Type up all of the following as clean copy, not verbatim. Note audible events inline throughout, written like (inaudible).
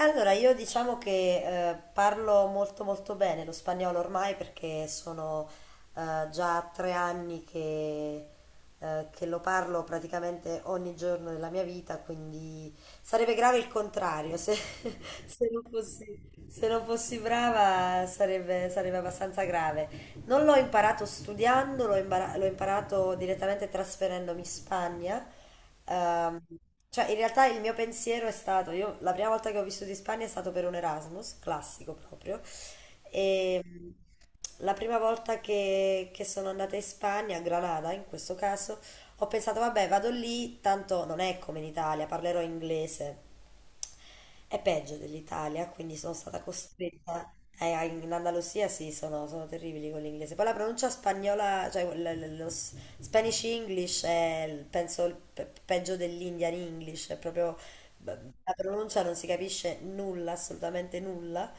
Allora, io diciamo che parlo molto molto bene lo spagnolo ormai perché sono già 3 anni che lo parlo praticamente ogni giorno della mia vita, quindi sarebbe grave il contrario, se, (laughs) se non fossi brava, sarebbe abbastanza grave. Non l'ho imparato studiando, l'ho imparato direttamente trasferendomi in Spagna. Ehm, cioè, in realtà il mio pensiero è stato, io la prima volta che ho vissuto in Spagna è stato per un Erasmus, classico proprio, e la prima volta che sono andata in Spagna, a Granada in questo caso, ho pensato, vabbè, vado lì, tanto non è come in Italia, parlerò inglese. È peggio dell'Italia, quindi sono stata costretta. In Andalusia sì, sono terribili con l'inglese. Poi la pronuncia spagnola, cioè Spanish English è, penso, peggio dell'Indian English, è proprio la pronuncia, non si capisce nulla, assolutamente nulla.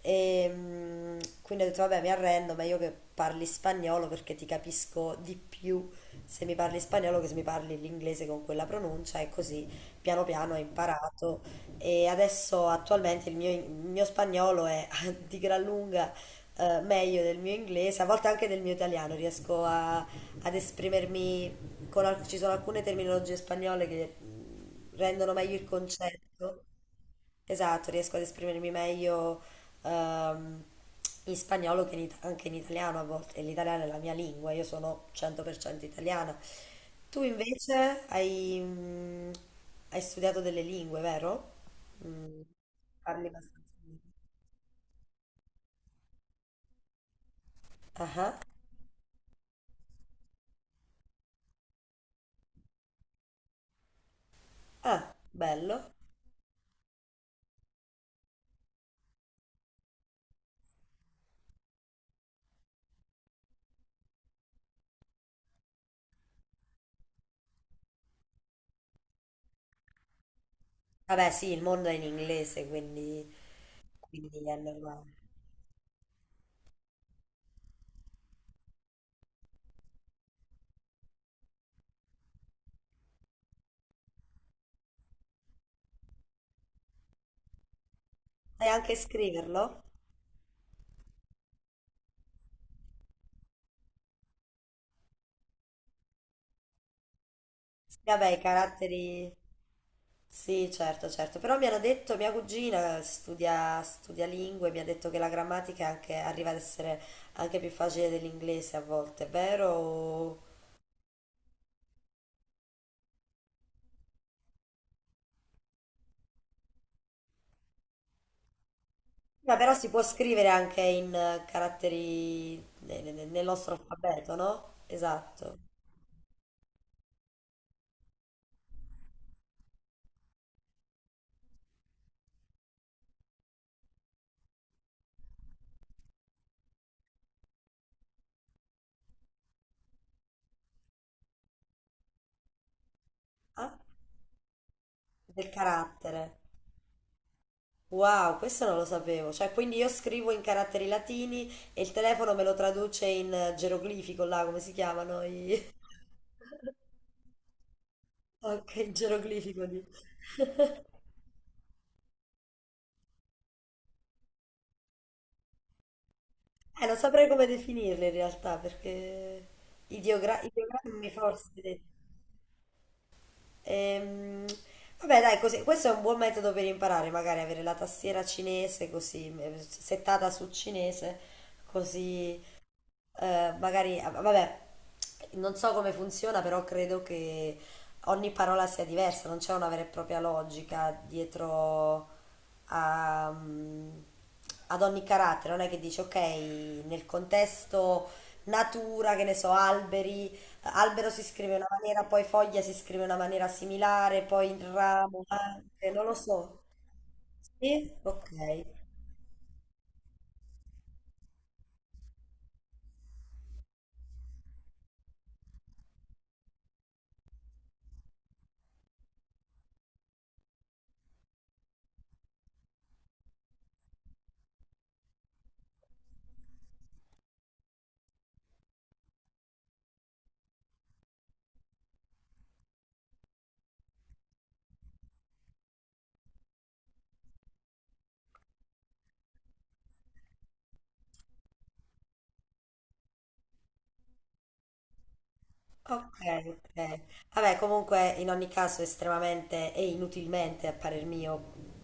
E quindi ho detto, vabbè, mi arrendo, meglio che parli spagnolo, perché ti capisco di più se mi parli spagnolo che se mi parli l'inglese con quella pronuncia, e così piano piano ho imparato. E adesso attualmente il mio spagnolo è (laughs) di gran lunga meglio del mio inglese, a volte anche del mio italiano, ad esprimermi con ci sono alcune terminologie spagnole che rendono meglio il concetto. Esatto, riesco ad esprimermi meglio ehm, in spagnolo che in anche in italiano a volte. E l'italiano è la mia lingua, io sono 100% italiana. Tu invece hai, hai studiato delle lingue, vero? Mm, Parli abbastanza bene. Ah, ah, ah, bello. Vabbè, sì, il mondo è in inglese, quindi è normale. Sai anche scriverlo? Sì, vabbè, i caratteri. Sì, certo, certo, però mi hanno detto, mia cugina studia lingue, mi ha detto che la grammatica arriva ad essere anche più facile dell'inglese a volte, è vero? Ma però si può scrivere anche in caratteri, nel nostro alfabeto, no? Esatto. Ah, del carattere. Wow, questo non lo sapevo, cioè quindi io scrivo in caratteri latini e il telefono me lo traduce in geroglifico, là come si chiamano i. (laughs) Ok, geroglifico di. (laughs) Non saprei come definirle in realtà, perché ideogrammi forse. Ehm, Vabbè, dai, così, questo è un buon metodo per imparare, magari avere la tastiera cinese così, settata su cinese, così magari, ah, vabbè, non so come funziona, però credo che ogni parola sia diversa, non c'è una vera e propria logica dietro a, mm, ad ogni carattere. Non è che dici ok, nel contesto natura, che ne so, alberi, albero si scrive in una maniera, poi foglia si scrive in una maniera similare, poi il ramo anche, non lo so. Sì? Ok. Ok, ok. Vabbè, comunque in ogni caso estremamente e inutilmente, a parer mio,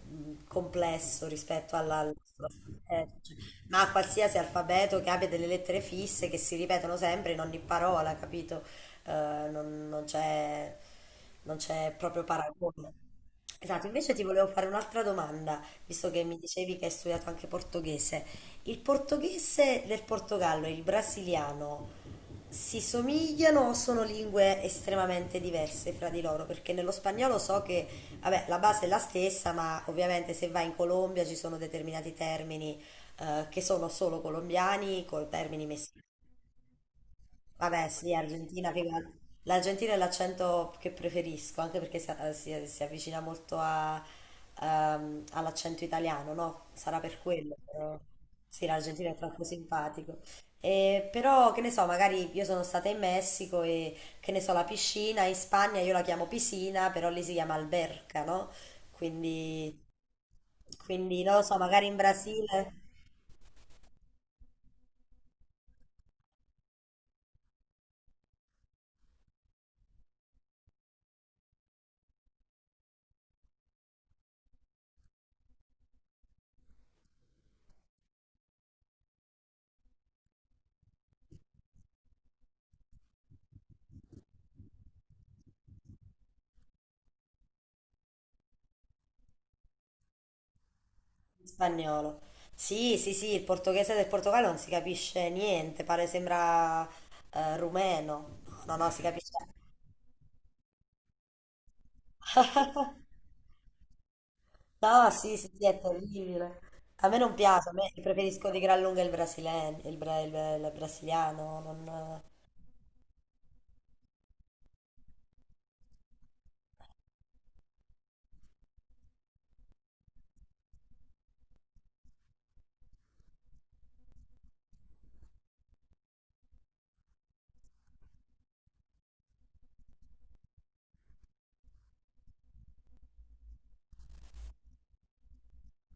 complesso rispetto all'alfabeto, cioè, ma a qualsiasi alfabeto che abbia delle lettere fisse che si ripetono sempre in ogni parola, capito? Eh, non, non c'è non c'è proprio paragone. Esatto, invece ti volevo fare un'altra domanda, visto che mi dicevi che hai studiato anche portoghese. Il portoghese del Portogallo e il brasiliano si somigliano o sono lingue estremamente diverse fra di loro? Perché nello spagnolo so che, vabbè, la base è la stessa, ma ovviamente se vai in Colombia ci sono determinati termini che sono solo colombiani, con termini messicani. Vabbè, sì, Argentina, figata. L'Argentina è l'accento che preferisco, anche perché si avvicina molto all'accento italiano, no? Sarà per quello, però. Sì, l'Argentina è troppo simpatico. E però, che ne so, magari io sono stata in Messico e, che ne so, la piscina, in Spagna io la chiamo piscina, però lì si chiama alberca, no? Quindi, quindi non lo so, magari in Brasile. In spagnolo. Sì, sì, sì, il portoghese del Portogallo non si capisce niente, pare sembra rumeno. No, no, no, si capisce. (laughs) No, sì, sì, sì, è terribile. A me non piace, a me preferisco di gran lunga il brasiliano, il brasiliano, non.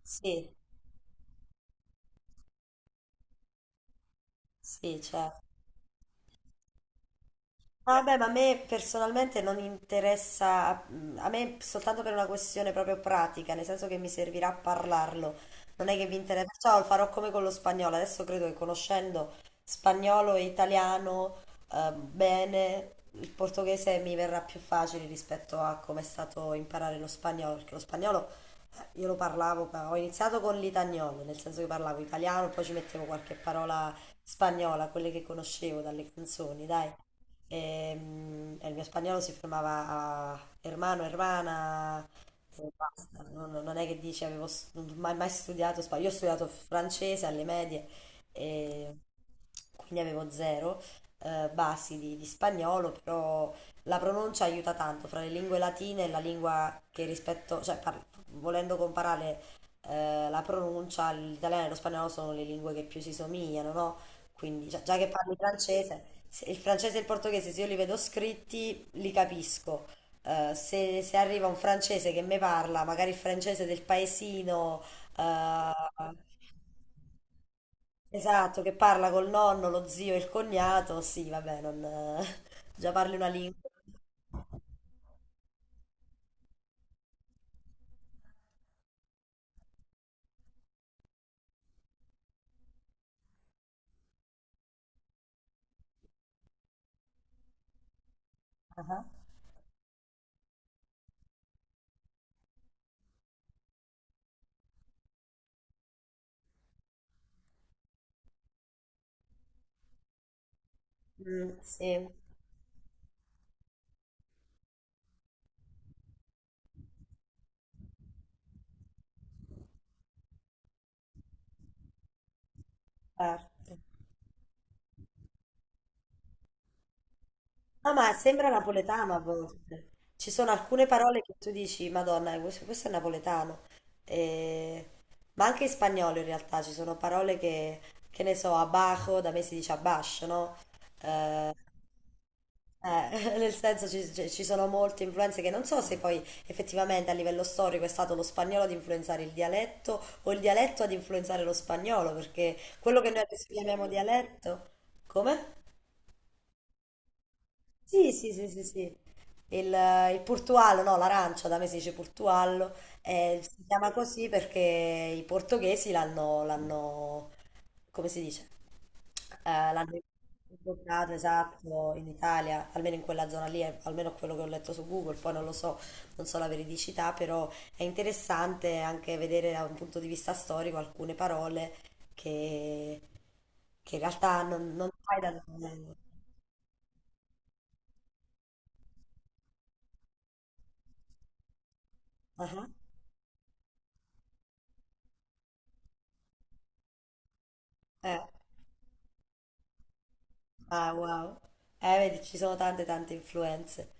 Sì, sì, certo. Ah, vabbè, ma a me personalmente non interessa, a me soltanto per una questione proprio pratica, nel senso che mi servirà a parlarlo, non è che vi interessa, perciò lo farò come con lo spagnolo. Adesso credo che, conoscendo spagnolo e italiano bene, il portoghese mi verrà più facile rispetto a come è stato imparare lo spagnolo, perché lo spagnolo io lo parlavo, ma ho iniziato con l'itagnolo, nel senso che parlavo italiano, poi ci mettevo qualche parola spagnola, quelle che conoscevo dalle canzoni, dai. E, il mio spagnolo si fermava a hermano, hermana, e basta. Non è che dici, avevo non ho mai, mai studiato spagnolo. Io ho studiato francese alle medie, e quindi avevo zero basi di spagnolo, però la pronuncia aiuta tanto fra le lingue latine e la lingua che rispetto, cioè volendo comparare la pronuncia, l'italiano e lo spagnolo sono le lingue che più si somigliano, no? Quindi già che parli francese, se il francese e il portoghese, se io li vedo scritti li capisco. Se arriva un francese che mi parla, magari il francese del paesino, eh, esatto, che parla col nonno, lo zio e il cognato, sì, vabbè, non, (laughs) già parli una lingua. Ah, mm, sì, certo. No, ma sembra napoletano a volte. Ci sono alcune parole che tu dici, Madonna, questo è napoletano. E- Ma anche in spagnolo in realtà ci sono parole che ne so, abajo, da me si dice abash, no? Eh, (laughs) nel senso ci sono molte influenze che non so se poi effettivamente a livello storico è stato lo spagnolo ad influenzare il dialetto o il dialetto ad influenzare lo spagnolo, perché quello che noi adesso chiamiamo dialetto, come? Sì, sì, sì, sì, sì. Il portuallo, no, l'arancia, da me si dice portuallo, si chiama così perché i portoghesi l'hanno, come si dice? L'hanno importato, esatto, in Italia, almeno in quella zona lì, almeno quello che ho letto su Google, poi non lo so, non so la veridicità, però è interessante anche vedere da un punto di vista storico alcune parole che, che in realtà non sai da dove vengono. Ah, eh. Ah, wow. Vedi, ci sono tante tante influenze.